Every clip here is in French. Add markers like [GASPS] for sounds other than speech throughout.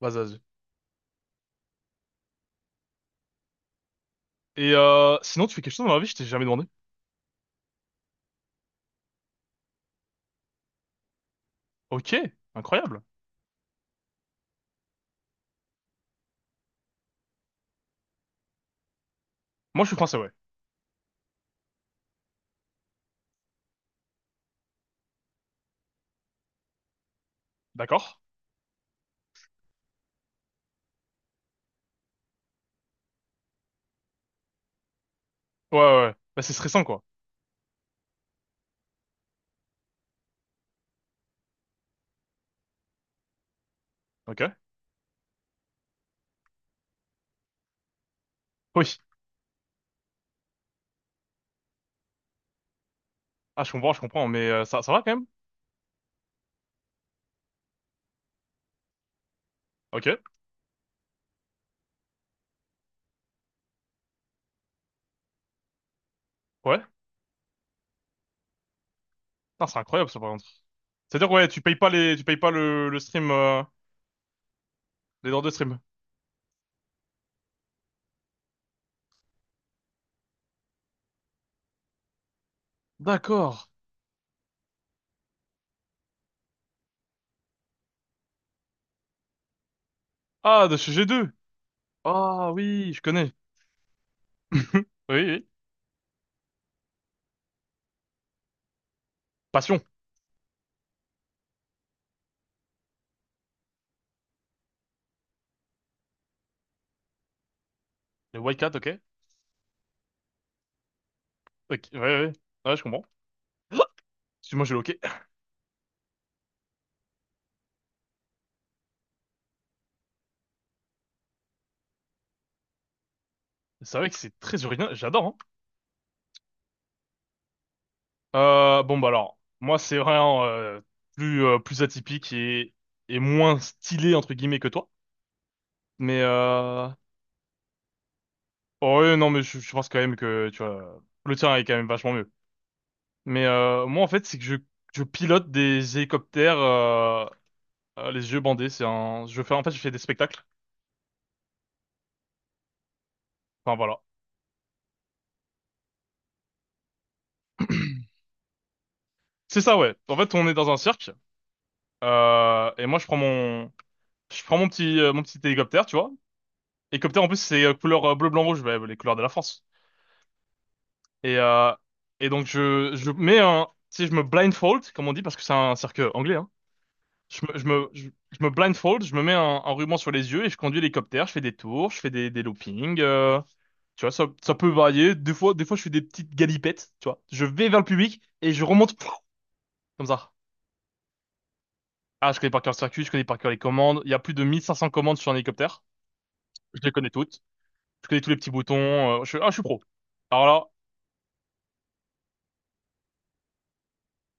Vas-y, vas-y. Et sinon, tu fais quelque chose dans la vie, je t'ai jamais demandé. Ok, incroyable. Moi, je suis français, ouais. D'accord. Ouais, ouais, ouais. Bah, c'est stressant, quoi. Ok. Oui. Ah, je comprends, mais ça, ça va quand même. Ok. Ouais. Putain, c'est incroyable, ça, par contre. C'est-à-dire, ouais, tu payes pas le stream, les droits de stream. D'accord. Ah, de chez G2. Ah, oui, je connais. [LAUGHS] Oui, oui. Passion. Le Wildcat, ok. Ok, ouais, ouais. Ouais, ouais, je comprends. [GASPS] Excuse-moi, j'ai loqué. C'est vrai que c'est très original, j'adore, hein. Bon bah alors, moi c'est vraiment plus plus atypique et moins stylé entre guillemets que toi. Mais... Oh, ouais, non mais je pense quand même que tu vois le tien est quand même vachement mieux. Mais moi en fait c'est que je pilote des hélicoptères les yeux bandés. C'est un je fais en fait je fais des spectacles. Enfin voilà. C'est ça, ouais. En fait on est dans un cirque, et moi je prends mon petit hélicoptère, tu vois. Hélicoptère en plus c'est couleur bleu blanc rouge, bah, les couleurs de la France. Et, euh, et donc je mets un, tu sais, je me blindfold, comme on dit, parce que c'est un cirque anglais, hein. Je me blindfold, je me mets un ruban sur les yeux et je conduis l'hélicoptère, je fais des tours, je fais des loopings, tu vois, ça peut varier. Des fois, je fais des petites galipettes, tu vois. Je vais vers le public et je remonte, [LAUGHS] pff, comme ça. Ah, je connais par cœur le circuit, je connais par cœur les commandes. Il y a plus de 1500 commandes sur un hélicoptère. Je les connais toutes. Je connais tous les petits boutons. Ah, je suis pro. Alors là,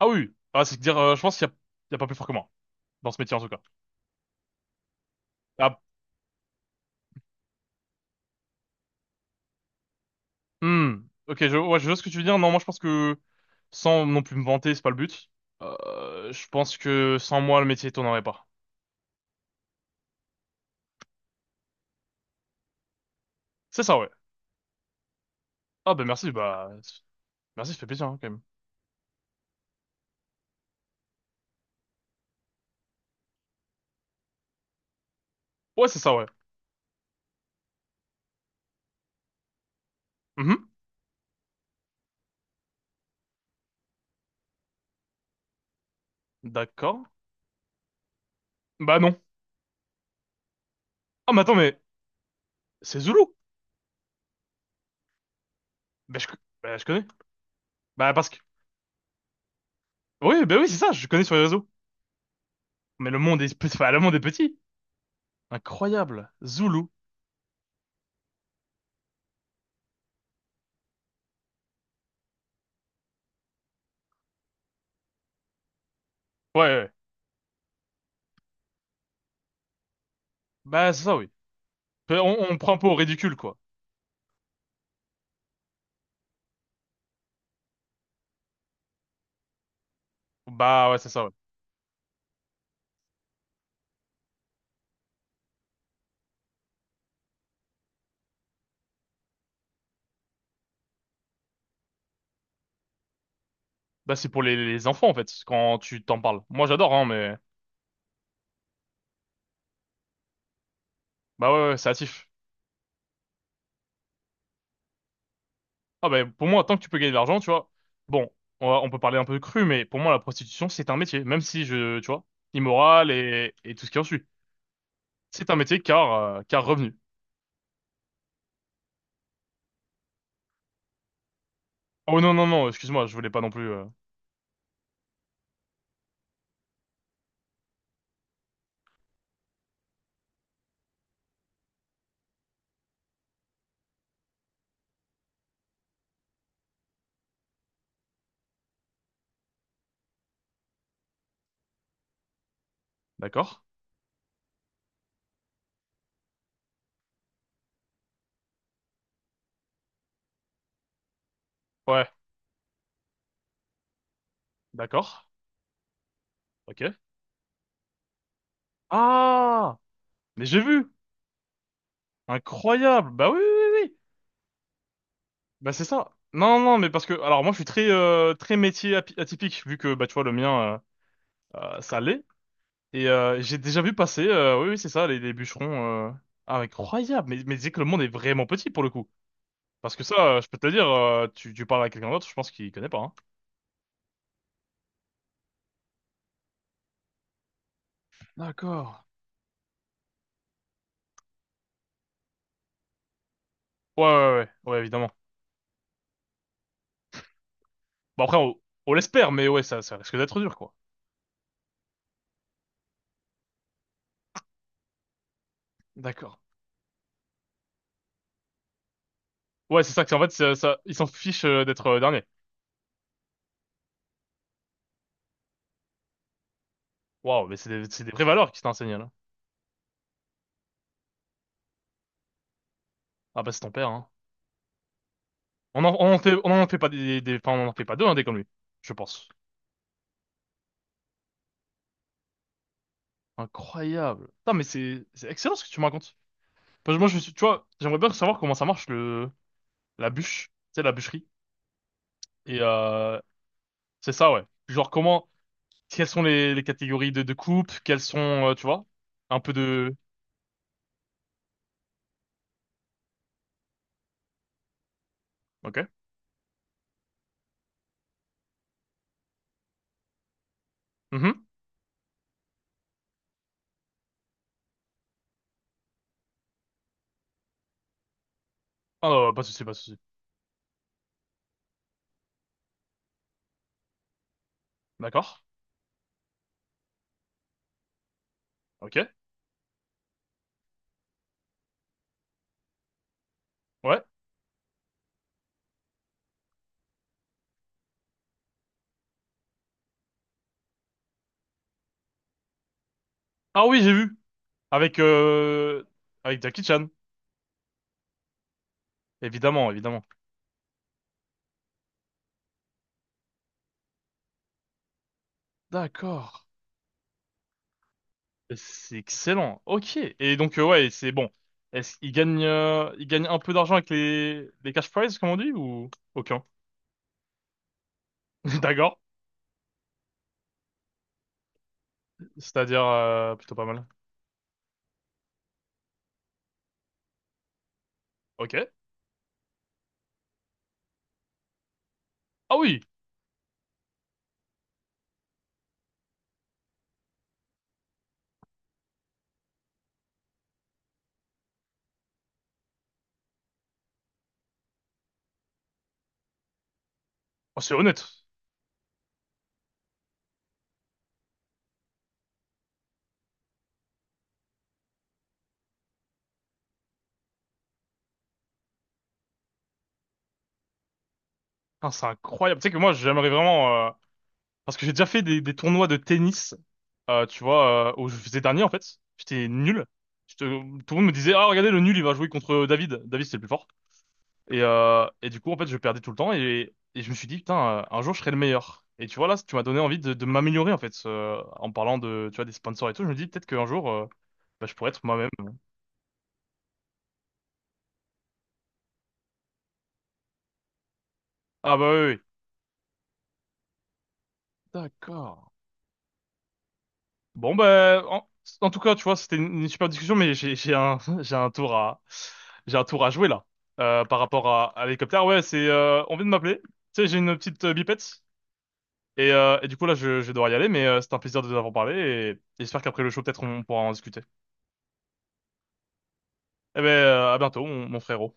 ah oui. Ah, c'est dire, je pense qu'il y a pas plus fort que moi, dans ce métier en tout cas. Ah. Hmm. Ok, ouais, je vois ce que tu veux dire. Non, moi je pense que sans non plus me vanter, c'est pas le but. Je pense que sans moi, le métier tournerait pas. C'est ça, ouais. Ah bah merci, ça fait plaisir, hein, quand même. Ouais, c'est ça, ouais. Mhm. D'accord. Bah non. Ah mais attends, mais c'est Zulu. Bah je, co- bah, je connais. Bah parce que Oui, bah oui, c'est ça. Je connais sur les réseaux. Mais le monde est petit. Enfin, le monde est petit. Incroyable. Zulu. Ouais, ouais, ouais. Bah c'est ça, oui. On prend pas au ridicule, quoi. Bah ouais, c'est ça, ouais. Bah, c'est pour les enfants, en fait, quand tu t'en parles. Moi, j'adore, hein, mais... Bah ouais, ouais, c'est hâtif. Ah bah, pour moi, tant que tu peux gagner de l'argent, tu vois... Bon, on peut parler un peu cru, mais pour moi, la prostitution, c'est un métier. Même si, tu vois, immoral et tout ce qui en suit. C'est un métier car, car revenu. Oh non, non, non, excuse-moi, je voulais pas non plus... D'accord? Ouais, d'accord. Ok. Ah! Mais j'ai vu! Incroyable! Bah oui, oui, oui! Oui. Bah c'est ça. Non, non, mais parce que... Alors, moi, je suis très métier atypique, vu que, bah, tu vois, le mien... Ça l'est. Et j'ai déjà vu passer, oui, oui, c'est ça, les bûcherons. Ah, incroyable! Mais, c'est que le monde est vraiment petit pour le coup. Parce que ça, je peux te le dire, tu parles à quelqu'un d'autre, je pense qu'il connaît pas, hein. D'accord. Ouais, ouais, ouais, ouais, évidemment. Bon, après, on l'espère, mais ouais, ça risque d'être dur, quoi. D'accord. Ouais, c'est ça, que c'est en fait, ils s'en fichent d'être dernier. Waouh, mais c'est des vraies valeurs qui t'ont enseigné, là. Ah, bah, c'est ton père, hein. On en fait pas des, enfin, on en fait pas deux, hein, des comme lui. Je pense. Incroyable. Putain, mais c'est excellent ce que tu me racontes. Parce que moi, je suis, tu vois, j'aimerais bien savoir comment ça marche le, la bûche, tu sais, la bûcherie. Et c'est ça, ouais. Genre, comment, quelles sont les catégories de coupes, quelles sont, tu vois, un peu de. Ok. Mhm. Ah, non, pas de souci, pas de souci. D'accord. Ok. Ouais. Ah oui, j'ai vu. Avec, euh, avec Jackie Chan. Évidemment, évidemment. D'accord. C'est excellent. Ok. Et donc, ouais, c'est bon. Est-ce qu'il gagne un peu d'argent avec les cash prizes, comme on dit, ou aucun? [LAUGHS] D'accord. C'est-à-dire plutôt pas mal. Ok. Ah oui! Oh, c'est honnête. Putain, c'est incroyable. Tu sais que moi, j'aimerais vraiment... Parce que j'ai déjà fait des tournois de tennis, tu vois, où je faisais dernier, en fait. J'étais nul. Tout le monde me disait, ah, regardez, le nul, il va jouer contre David. David, c'est le plus fort. Et du coup, en fait, je perdais tout le temps. Et je me suis dit, putain, un jour, je serai le meilleur. Et tu vois, là, tu m'as donné envie de m'améliorer, en fait. En parlant de, tu vois, des sponsors et tout, je me dis, peut-être qu'un jour, bah, je pourrais être moi-même. Ah bah oui, oui. D'accord. Bon, bah, en tout cas, tu vois, c'était une super discussion, mais j'ai un, [LAUGHS] j'ai un tour à jouer là, par rapport à l'hélicoptère. Ouais, on vient de m'appeler. Tu sais, j'ai une petite bipette. Et du coup, là, je vais devoir y aller, mais c'est un plaisir de vous avoir parlé et j'espère qu'après le show, peut-être, on pourra en discuter. Eh ben, à bientôt, mon frérot.